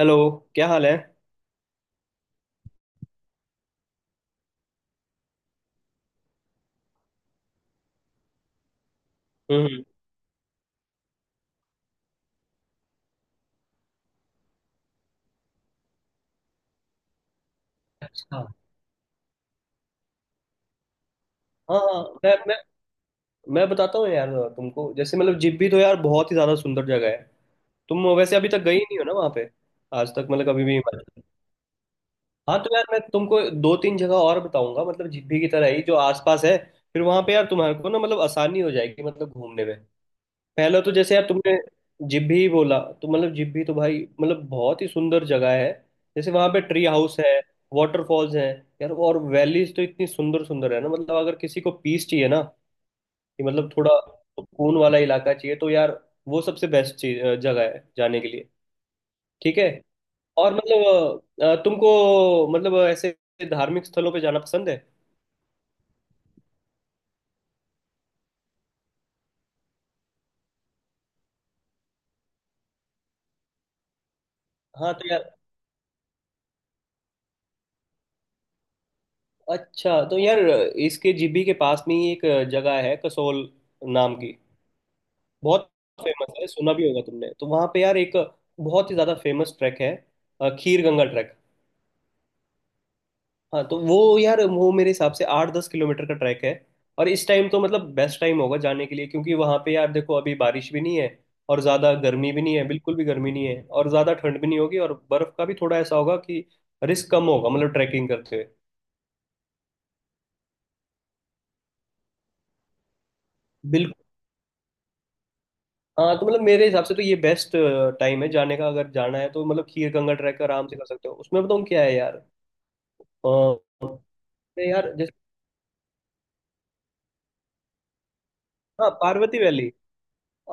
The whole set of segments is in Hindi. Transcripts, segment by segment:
हेलो। क्या हाल है। हम्म हम्म। अच्छा। हाँ हाँ, मैं बताता हूँ यार। तुमको जैसे मतलब जिब्बी तो यार बहुत ही ज्यादा सुंदर जगह है। तुम वैसे अभी तक गई नहीं हो ना वहाँ पे, आज तक मतलब कभी भी। हाँ तो यार मैं तुमको दो तीन जगह और बताऊंगा, मतलब जिब्बी की तरह ही जो आसपास है। फिर वहाँ पे यार तुम्हारे को ना मतलब आसानी हो जाएगी मतलब घूमने में। पहला तो जैसे यार तुमने जिब्भी ही बोला, तो मतलब जिब्भी तो भाई मतलब बहुत ही सुंदर जगह है। जैसे वहां पे ट्री हाउस है, वाटरफॉल्स है यार, और वैलीज तो इतनी सुंदर सुंदर है ना। मतलब अगर किसी को पीस चाहिए ना, कि मतलब थोड़ा सुकून वाला इलाका चाहिए तो यार वो सबसे बेस्ट चीज जगह है जाने के लिए। ठीक है। और मतलब तुमको मतलब ऐसे धार्मिक स्थलों पे जाना पसंद है। हाँ तो यार, अच्छा तो यार, इसके जिब्भी के पास में ही एक जगह है कसोल नाम की। बहुत फेमस है, सुना भी होगा तुमने। तो वहाँ पे यार एक बहुत ही ज़्यादा फेमस ट्रैक है, खीर गंगा ट्रैक। हाँ तो वो यार वो मेरे हिसाब से 8-10 किलोमीटर का ट्रैक है। और इस टाइम तो मतलब बेस्ट टाइम होगा जाने के लिए, क्योंकि वहाँ पे यार देखो अभी बारिश भी नहीं है, और ज़्यादा गर्मी भी नहीं है, बिल्कुल भी गर्मी नहीं है, और ज़्यादा ठंड भी नहीं होगी, और बर्फ़ का भी थोड़ा ऐसा होगा कि रिस्क कम होगा मतलब ट्रैकिंग करते हुए। बिल्कुल। हाँ तो मतलब मेरे हिसाब से तो ये बेस्ट टाइम है जाने का। अगर जाना है तो मतलब खीर गंगा ट्रैक आराम से कर सकते हो। उसमें बताऊँ क्या है यार। नहीं यार, जैसे, हाँ पार्वती वैली।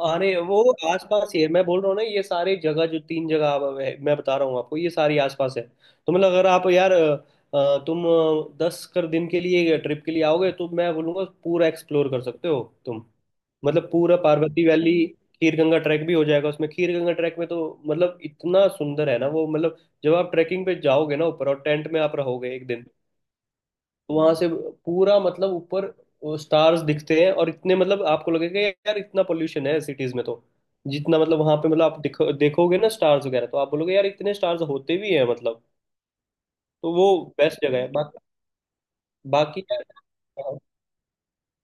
अरे वो आसपास ही है, मैं बोल रहा हूँ ना। ये सारी जगह जो तीन जगह है, मैं बता रहा हूँ आपको ये सारी आसपास है। तो मतलब अगर आप यार तुम दस कर दिन के लिए ट्रिप के लिए आओगे, तो मैं बोलूँगा पूरा एक्सप्लोर कर सकते हो तुम। मतलब पूरा पार्वती वैली, खीर गंगा ट्रैक भी हो जाएगा उसमें। खीर गंगा ट्रैक में तो मतलब इतना सुंदर है ना वो। मतलब जब आप ट्रैकिंग पे जाओगे ना ऊपर, और टेंट में आप रहोगे एक दिन, वहां से पूरा मतलब ऊपर स्टार्स दिखते हैं, और इतने मतलब आपको लगेगा यार इतना पोल्यूशन है सिटीज में तो जितना मतलब वहां पे मतलब आप देखोगे ना स्टार्स वगैरह, तो आप बोलोगे यार इतने स्टार्स होते भी हैं मतलब। तो वो बेस्ट जगह है बाकी। बाकी यार, हाँ,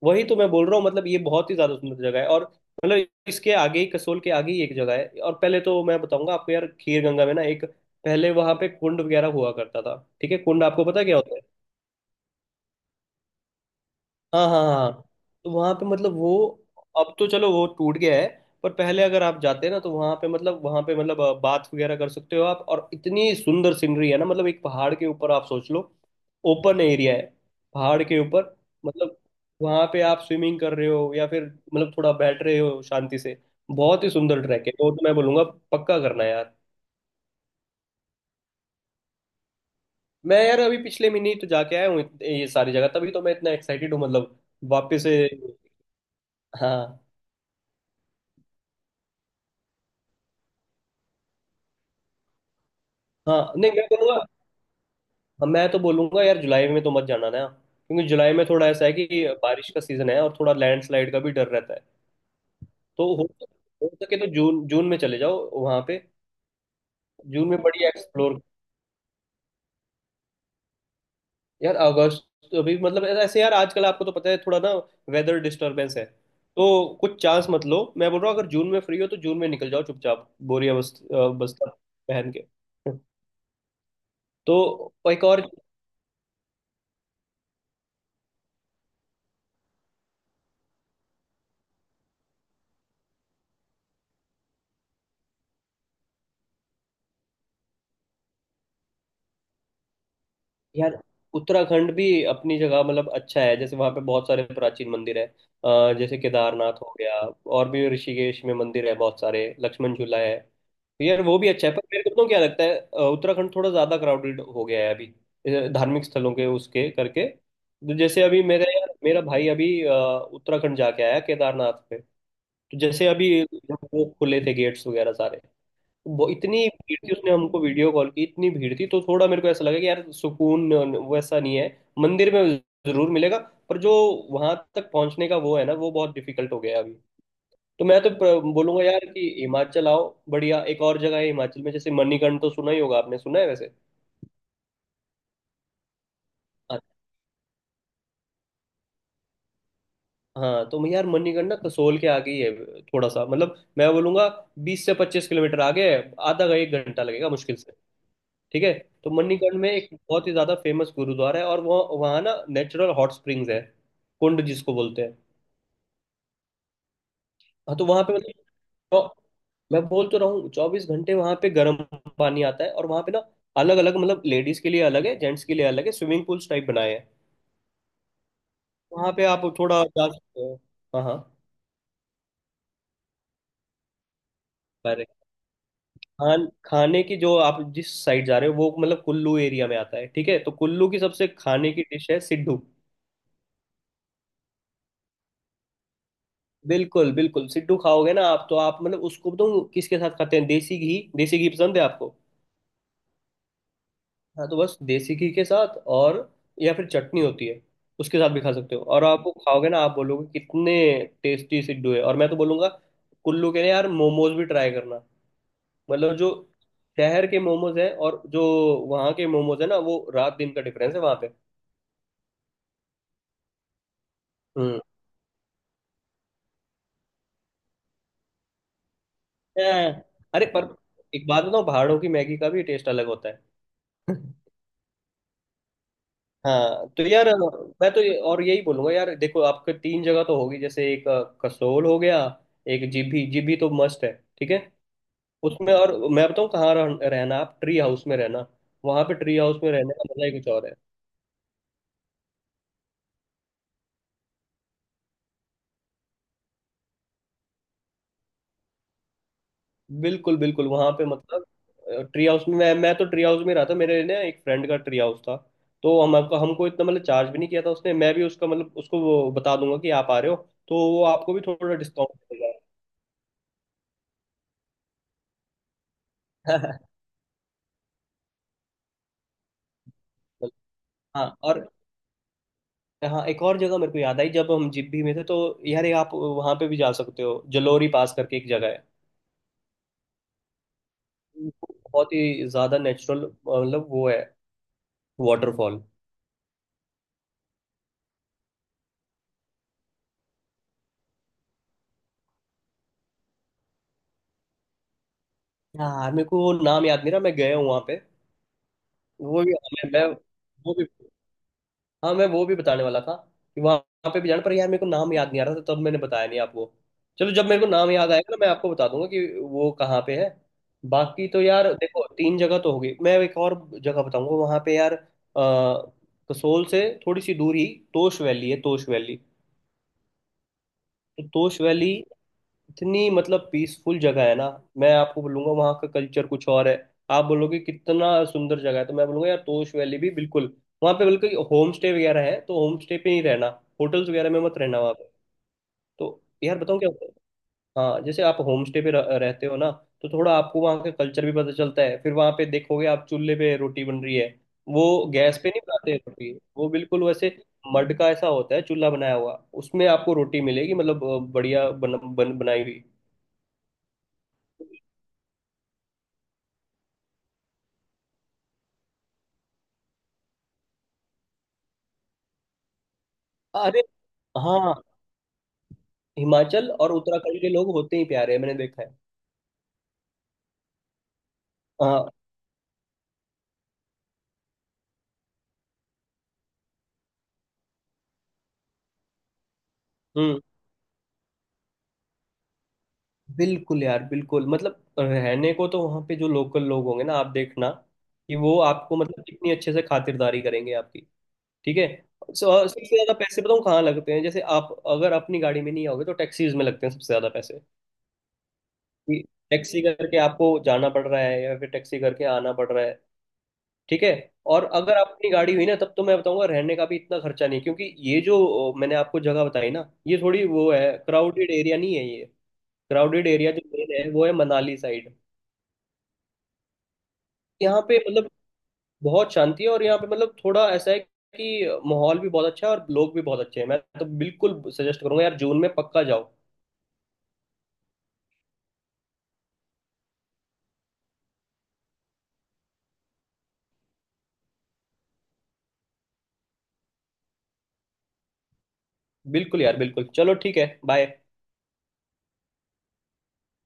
वही तो मैं बोल रहा हूँ मतलब ये बहुत ही ज्यादा सुंदर जगह है। और मतलब इसके आगे ही, कसोल के आगे ही एक जगह है। और पहले तो मैं बताऊंगा आपको यार खीर गंगा में ना, एक, पहले वहां पे कुंड वगैरह हुआ करता था। ठीक है, कुंड आपको पता है क्या होता है। हाँ हाँ हाँ हाँ। तो वहाँ पे मतलब वो, अब तो चलो वो टूट गया है। पर पहले अगर आप जाते हैं ना, तो वहाँ पे मतलब बात वगैरह कर सकते हो आप। और इतनी सुंदर सीनरी है ना मतलब, एक पहाड़ के ऊपर आप सोच लो, ओपन एरिया है पहाड़ के ऊपर। मतलब वहाँ पे आप स्विमिंग कर रहे हो या फिर मतलब थोड़ा बैठ रहे हो शांति से। बहुत ही सुंदर ट्रैक है वो, तो मैं बोलूँगा पक्का करना यार। मैं यार अभी पिछले महीने ही तो जाके आया हूँ ये सारी जगह, तभी तो मैं इतना एक्साइटेड हूँ मतलब वापस से। हाँ। हाँ, नहीं मैं बोलूँगा, हाँ, मैं तो बोलूंगा यार जुलाई में तो मत जाना ना, क्योंकि जुलाई में थोड़ा ऐसा है कि बारिश का सीजन है और थोड़ा लैंडस्लाइड का भी डर रहता है। तो हो सके तो जून, जून में चले जाओ वहां पे। जून में बढ़िया एक्सप्लोर। यार अगस्त अभी मतलब ऐसे यार आजकल आपको तो पता है थोड़ा ना, वेदर डिस्टरबेंस है, तो कुछ चांस मत लो मैं बोल रहा हूँ। अगर जून में फ्री हो तो जून में निकल जाओ चुपचाप, बस्ता पहन के। तो एक और यार। उत्तराखंड भी अपनी जगह मतलब अच्छा है, जैसे वहाँ पे बहुत सारे प्राचीन मंदिर है, जैसे केदारनाथ हो गया, और भी ऋषिकेश में मंदिर है बहुत सारे, लक्ष्मण झूला है। तो यार वो भी अच्छा है, पर मेरे को पता है क्या लगता है, उत्तराखंड थोड़ा ज्यादा क्राउडेड हो गया है अभी, धार्मिक स्थलों के उसके करके। तो जैसे अभी मेरे, मेरा भाई अभी उत्तराखंड जाके आया केदारनाथ पे। तो जैसे अभी जब वो खुले थे गेट्स वगैरह सारे, वो इतनी भीड़ थी, उसने हमको वीडियो कॉल की, इतनी भीड़ थी। तो थोड़ा मेरे को ऐसा लगा कि यार सुकून वैसा नहीं है। मंदिर में जरूर मिलेगा पर जो वहां तक पहुंचने का वो है ना, वो बहुत डिफिकल्ट हो गया है अभी। तो मैं तो बोलूंगा यार कि हिमाचल आओ, बढ़िया। एक और जगह है हिमाचल में जैसे, मणिकर्ण तो सुना ही होगा आपने, सुना है वैसे। हाँ, हाँ, तो मैं यार मणिकर्ण ना कसोल के आगे ही है थोड़ा सा, मतलब मैं बोलूंगा 20 से 25 किलोमीटर आगे है। आधा का एक घंटा लगेगा मुश्किल से। ठीक है। तो मणिकर्ण में एक बहुत ही ज्यादा फेमस गुरुद्वारा है, और वह वहाँ ना नेचुरल हॉट स्प्रिंग्स है, कुंड जिसको बोलते हैं। हाँ तो वहाँ पे मतलब चौ- मैं बोल तो रहा हूँ 24 घंटे वहाँ पे गर्म पानी आता है। और वहाँ पे ना अलग अलग मतलब, लेडीज के लिए अलग है, जेंट्स के लिए अलग है, स्विमिंग पूल्स टाइप बनाए हैं। वहाँ पे आप थोड़ा जा सकते हो। हाँ हाँ। अरे खाने की जो आप जिस साइड जा रहे हो वो मतलब कुल्लू एरिया में आता है, ठीक है। तो कुल्लू की सबसे खाने की डिश है सिड्डू। बिल्कुल बिल्कुल, सिड्डू खाओगे ना आप, तो आप मतलब, उसको बताऊं किसके साथ खाते हैं, देसी घी, देसी घी पसंद है आपको। हाँ तो बस देसी घी के साथ, और या फिर चटनी होती है उसके साथ भी खा सकते हो। और आप वो खाओगे ना आप बोलोगे कितने टेस्टी सिड्डू है। और मैं तो बोलूंगा कुल्लू के ना यार मोमोज भी ट्राई करना। मतलब जो शहर के मोमोज है और जो वहाँ के मोमोज है ना, वो रात दिन का डिफरेंस है वहाँ पे। हम्म हैं। अरे पर एक बात बताऊँ, पहाड़ों की मैगी का भी टेस्ट अलग होता है। हाँ तो यार मैं तो और यही बोलूंगा यार, देखो आपके तीन जगह तो होगी, जैसे एक कसोल हो गया, एक जीभी, जीभी तो मस्ट है। ठीक है उसमें। और मैं बताऊँ कहाँ रहना, आप ट्री हाउस में रहना। वहां पे ट्री हाउस में रहने का मजा ही कुछ और है। बिल्कुल बिल्कुल। वहां पे मतलब ट्री हाउस में, मैं तो ट्री हाउस में रहा था। मेरे ना एक फ्रेंड का ट्री हाउस था, तो हम हमको हमको इतना मतलब चार्ज भी नहीं किया था उसने। मैं भी उसका मतलब उसको वो बता दूंगा कि आप आ रहे हो, तो वो आपको भी थोड़ा डिस्काउंट देगा। हाँ। और हाँ एक और जगह मेरे को याद आई जब हम जिब्भी में थे तो, यार ये आप वहाँ पे भी जा सकते हो, जलोरी पास करके एक जगह है, बहुत ही ज्यादा नेचुरल, मतलब वो है वाटरफॉल। हाँ मेरे को वो नाम याद नहीं रहा, मैं गया हूँ वहाँ पे वो भी। मैं वो भी, हाँ मैं वो भी बताने वाला था कि वहां पे भी जाना, पर यार मेरे को नाम याद नहीं आ रहा था तब, मैंने बताया नहीं आपको। चलो जब मेरे को नाम याद आएगा ना, मैं आपको बता दूंगा कि वो कहाँ पे है। बाकी तो यार देखो तीन जगह तो होगी, मैं एक और जगह बताऊंगा। वहां पे यार कसोल से थोड़ी सी दूर ही तोश वैली है, तोश वैली। तो तोश वैली इतनी मतलब पीसफुल जगह है ना। मैं आपको बोलूंगा वहाँ का कल्चर कुछ और है, आप बोलोगे कितना सुंदर जगह है। तो मैं बोलूंगा यार तोश वैली भी बिल्कुल। वहाँ पे बल्कि होम स्टे वगैरह है, तो होम स्टे पे ही रहना, होटल्स वगैरह में मत रहना वहाँ पे। तो यार बताऊँ क्या होता है, हाँ, जैसे आप होम स्टे पे रहते हो ना, तो थोड़ा आपको वहाँ का कल्चर भी पता चलता है। फिर वहाँ पे देखोगे आप चूल्हे पे रोटी बन रही है वो, गैस पे नहीं बनाते रोटी वो, बिल्कुल वैसे मड का ऐसा होता है चूल्हा बनाया हुआ, उसमें आपको रोटी मिलेगी, मतलब बढ़िया बन, बन, बनाई हुई। अरे, हाँ, हिमाचल और उत्तराखंड के लोग होते ही प्यारे हैं, मैंने देखा है। हाँ। हम्म। बिल्कुल यार बिल्कुल, मतलब रहने को तो वहाँ पे जो लोकल लोग होंगे ना, आप देखना कि वो आपको मतलब कितनी अच्छे से खातिरदारी करेंगे आपकी। ठीक है। सबसे ज्यादा पैसे बताऊँ कहाँ लगते हैं, जैसे आप अगर अपनी गाड़ी में नहीं आओगे तो टैक्सीज में लगते हैं सबसे ज्यादा पैसे। कि टैक्सी करके आपको जाना पड़ रहा है या फिर टैक्सी करके आना पड़ रहा है। ठीक है। और अगर आप अपनी गाड़ी हुई ना, तब तो मैं बताऊंगा रहने का भी इतना खर्चा नहीं, क्योंकि ये जो मैंने आपको जगह बताई ना ये थोड़ी, वो है क्राउडेड एरिया नहीं है ये। क्राउडेड एरिया जो मेन है वो है मनाली साइड। यहाँ पे मतलब बहुत शांति है, और यहाँ पे मतलब थोड़ा ऐसा है कि माहौल भी बहुत अच्छा है, और लोग भी बहुत अच्छे हैं। मैं तो बिल्कुल सजेस्ट करूंगा यार जून में पक्का जाओ। बिल्कुल यार बिल्कुल, चलो ठीक है, बाय।